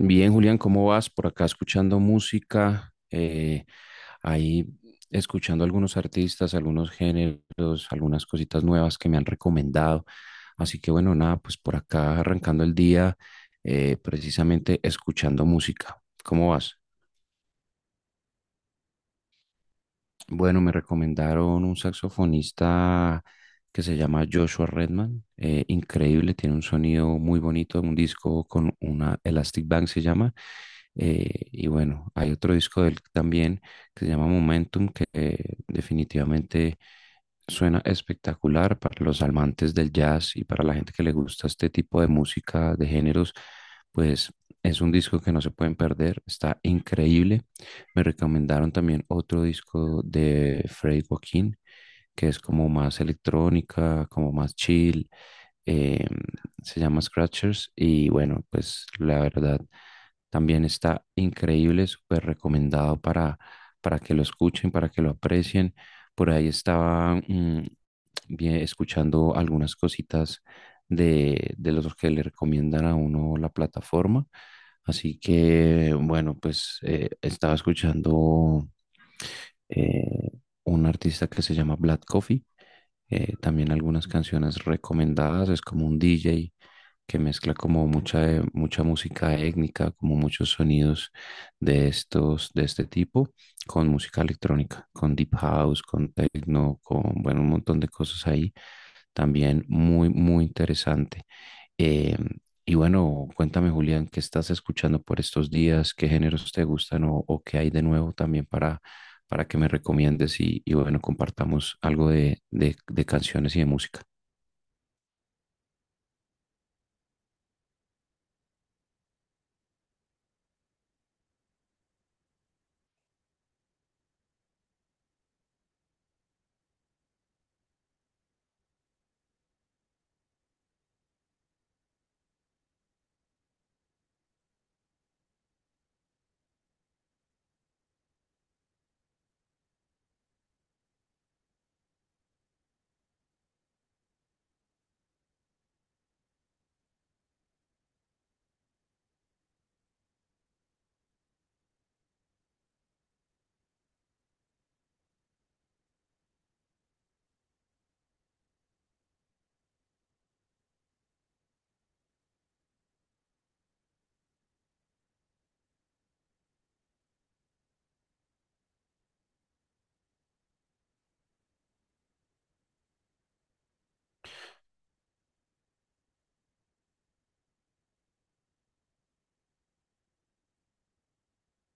Bien, Julián, ¿cómo vas? Por acá escuchando música, ahí escuchando algunos artistas, algunos géneros, algunas cositas nuevas que me han recomendado. Así que bueno, nada, pues por acá arrancando el día, precisamente escuchando música. ¿Cómo vas? Bueno, me recomendaron un saxofonista que se llama Joshua Redman. Increíble, tiene un sonido muy bonito, un disco con una Elastic Band se llama. Y bueno, hay otro disco de él también que se llama Momentum, que definitivamente suena espectacular para los amantes del jazz y para la gente que le gusta este tipo de música, de géneros, pues es un disco que no se pueden perder, está increíble. Me recomendaron también otro disco de Freddy Joaquín, que es como más electrónica, como más chill. Eh, se llama Scratchers y bueno, pues la verdad también está increíble, súper recomendado para que lo escuchen, para que lo aprecien. Por ahí estaba bien, escuchando algunas cositas de los que le recomiendan a uno la plataforma. Así que bueno, pues estaba escuchando eh, un artista que se llama Black Coffee. También algunas canciones recomendadas. Es como un DJ que mezcla como mucha música étnica, como muchos sonidos de estos, de este tipo, con música electrónica, con deep house, con techno, con, bueno, un montón de cosas ahí. También muy, muy interesante. Eh, y bueno, cuéntame, Julián, ¿qué estás escuchando por estos días? ¿Qué géneros te gustan o qué hay de nuevo también para que me recomiendes y bueno, compartamos algo de canciones y de música.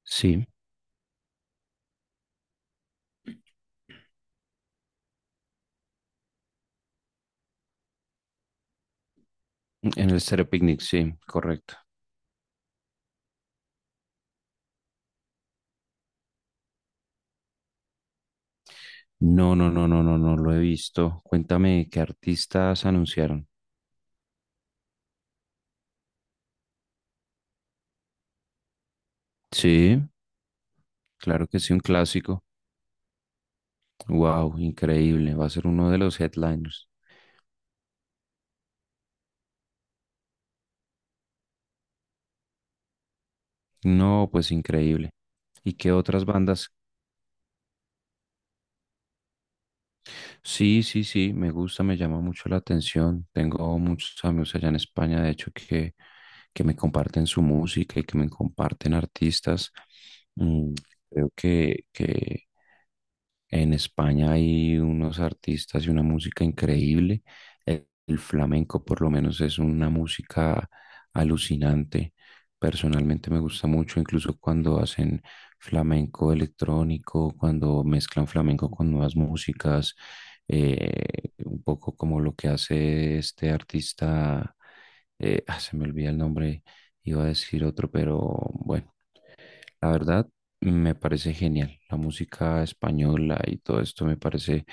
Sí, en el Stereo Picnic, sí, correcto. No, no, no, no, no, no lo he visto. Cuéntame qué artistas anunciaron. Sí, claro que sí, un clásico. Wow, increíble. Va a ser uno de los headliners. No, pues increíble. ¿Y qué otras bandas? Sí, sí, sí, me gusta, me llama mucho la atención. Tengo muchos amigos allá en España, de hecho, que me comparten su música y que me comparten artistas. Mm, creo que en España hay unos artistas y una música increíble. El flamenco por lo menos es una música alucinante. Personalmente me gusta mucho, incluso cuando hacen flamenco electrónico, cuando mezclan flamenco con nuevas músicas, un poco como lo que hace este artista, se me olvida el nombre, iba a decir otro, pero bueno, la verdad, me parece genial. La música española y todo esto me parece,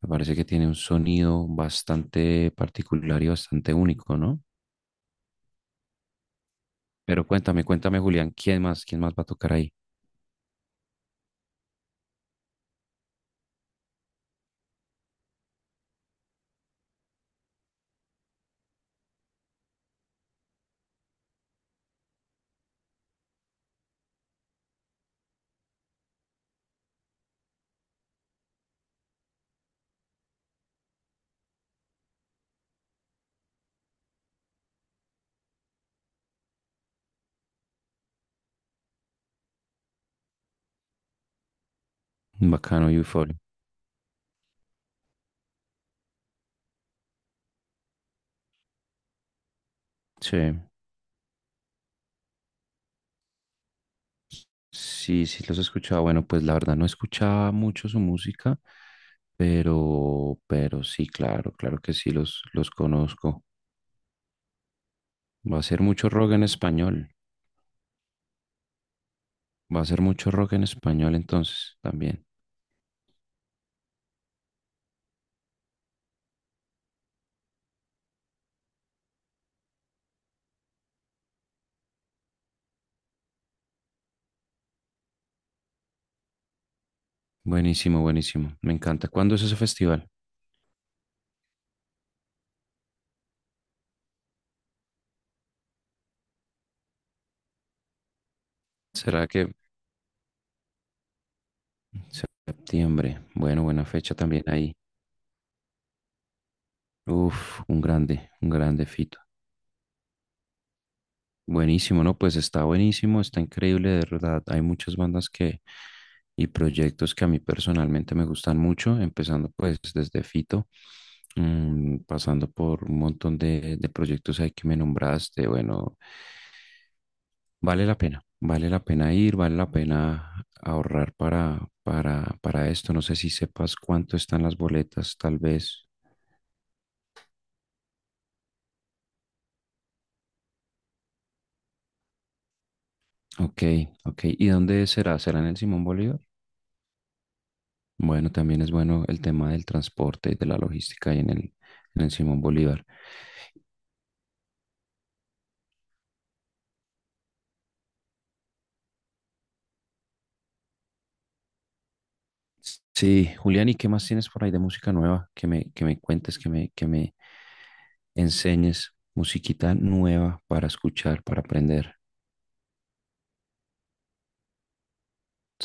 me parece que tiene un sonido bastante particular y bastante único, ¿no? Pero cuéntame, cuéntame, Julián, quién más va a tocar ahí? Bacano, Euforia. Sí, sí, sí los escuchaba. Bueno, pues la verdad no escuchaba mucho su música, pero sí, claro, claro que sí los conozco. Va a ser mucho rock en español. Va a ser mucho rock en español entonces también. Buenísimo, buenísimo. Me encanta. ¿Cuándo es ese festival? ¿Será que septiembre? Bueno, buena fecha también ahí. Uf, un grande Fito. Buenísimo, ¿no? Pues está buenísimo, está increíble, de verdad. Hay muchas bandas que y proyectos que a mí personalmente me gustan mucho, empezando pues desde Fito, pasando por un montón de proyectos ahí que me nombraste, bueno. Vale la pena ir, vale la pena ahorrar para esto. No sé si sepas cuánto están las boletas, tal vez. Ok, ok. ¿Y dónde será? ¿Será en el Simón Bolívar? Bueno, también es bueno el tema del transporte y de la logística ahí en el Simón Bolívar. Sí, Julián, ¿y qué más tienes por ahí de música nueva? Que me cuentes, que me enseñes musiquita nueva para escuchar, para aprender.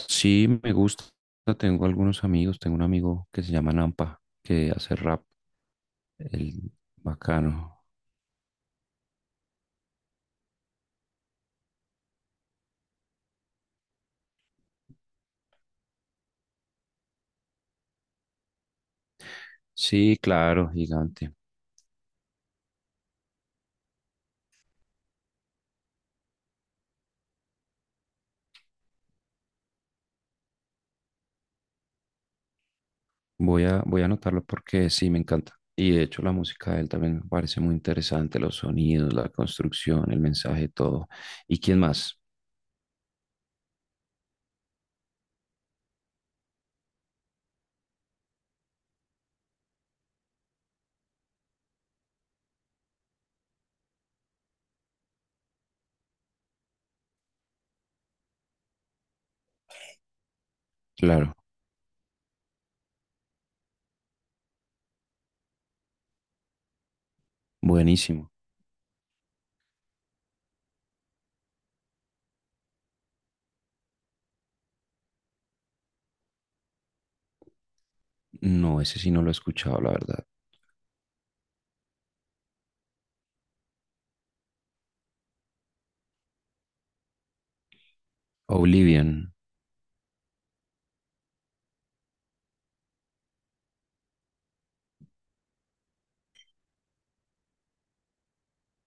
Sí, me gusta. Tengo algunos amigos. Tengo un amigo que se llama Nampa, que hace rap. El bacano. Sí, claro, gigante. Voy a anotarlo porque sí, me encanta. Y de hecho la música de él también me parece muy interesante, los sonidos, la construcción, el mensaje, todo. ¿Y quién más? Claro, buenísimo. No, ese sí no lo he escuchado, la verdad. Oblivion.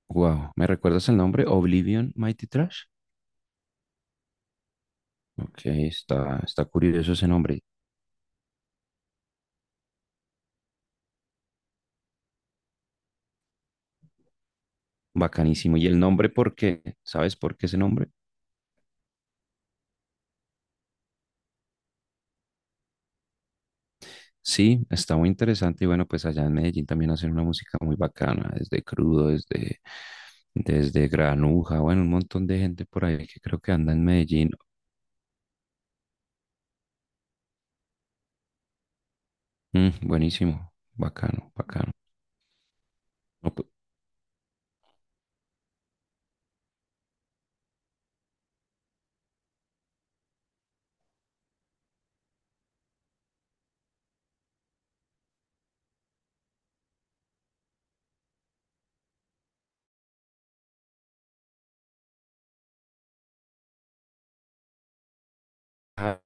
Wow, ¿me recuerdas el nombre? Oblivion Mighty Trash. Ok, está curioso ese nombre. Bacanísimo. Y el nombre, ¿por qué? ¿Sabes por qué ese nombre? Sí, está muy interesante. Y bueno, pues allá en Medellín también hacen una música muy bacana, desde Crudo, desde Granuja, bueno, un montón de gente por ahí que creo que anda en Medellín. Mm, buenísimo, bacano, bacano. No, pues, ah,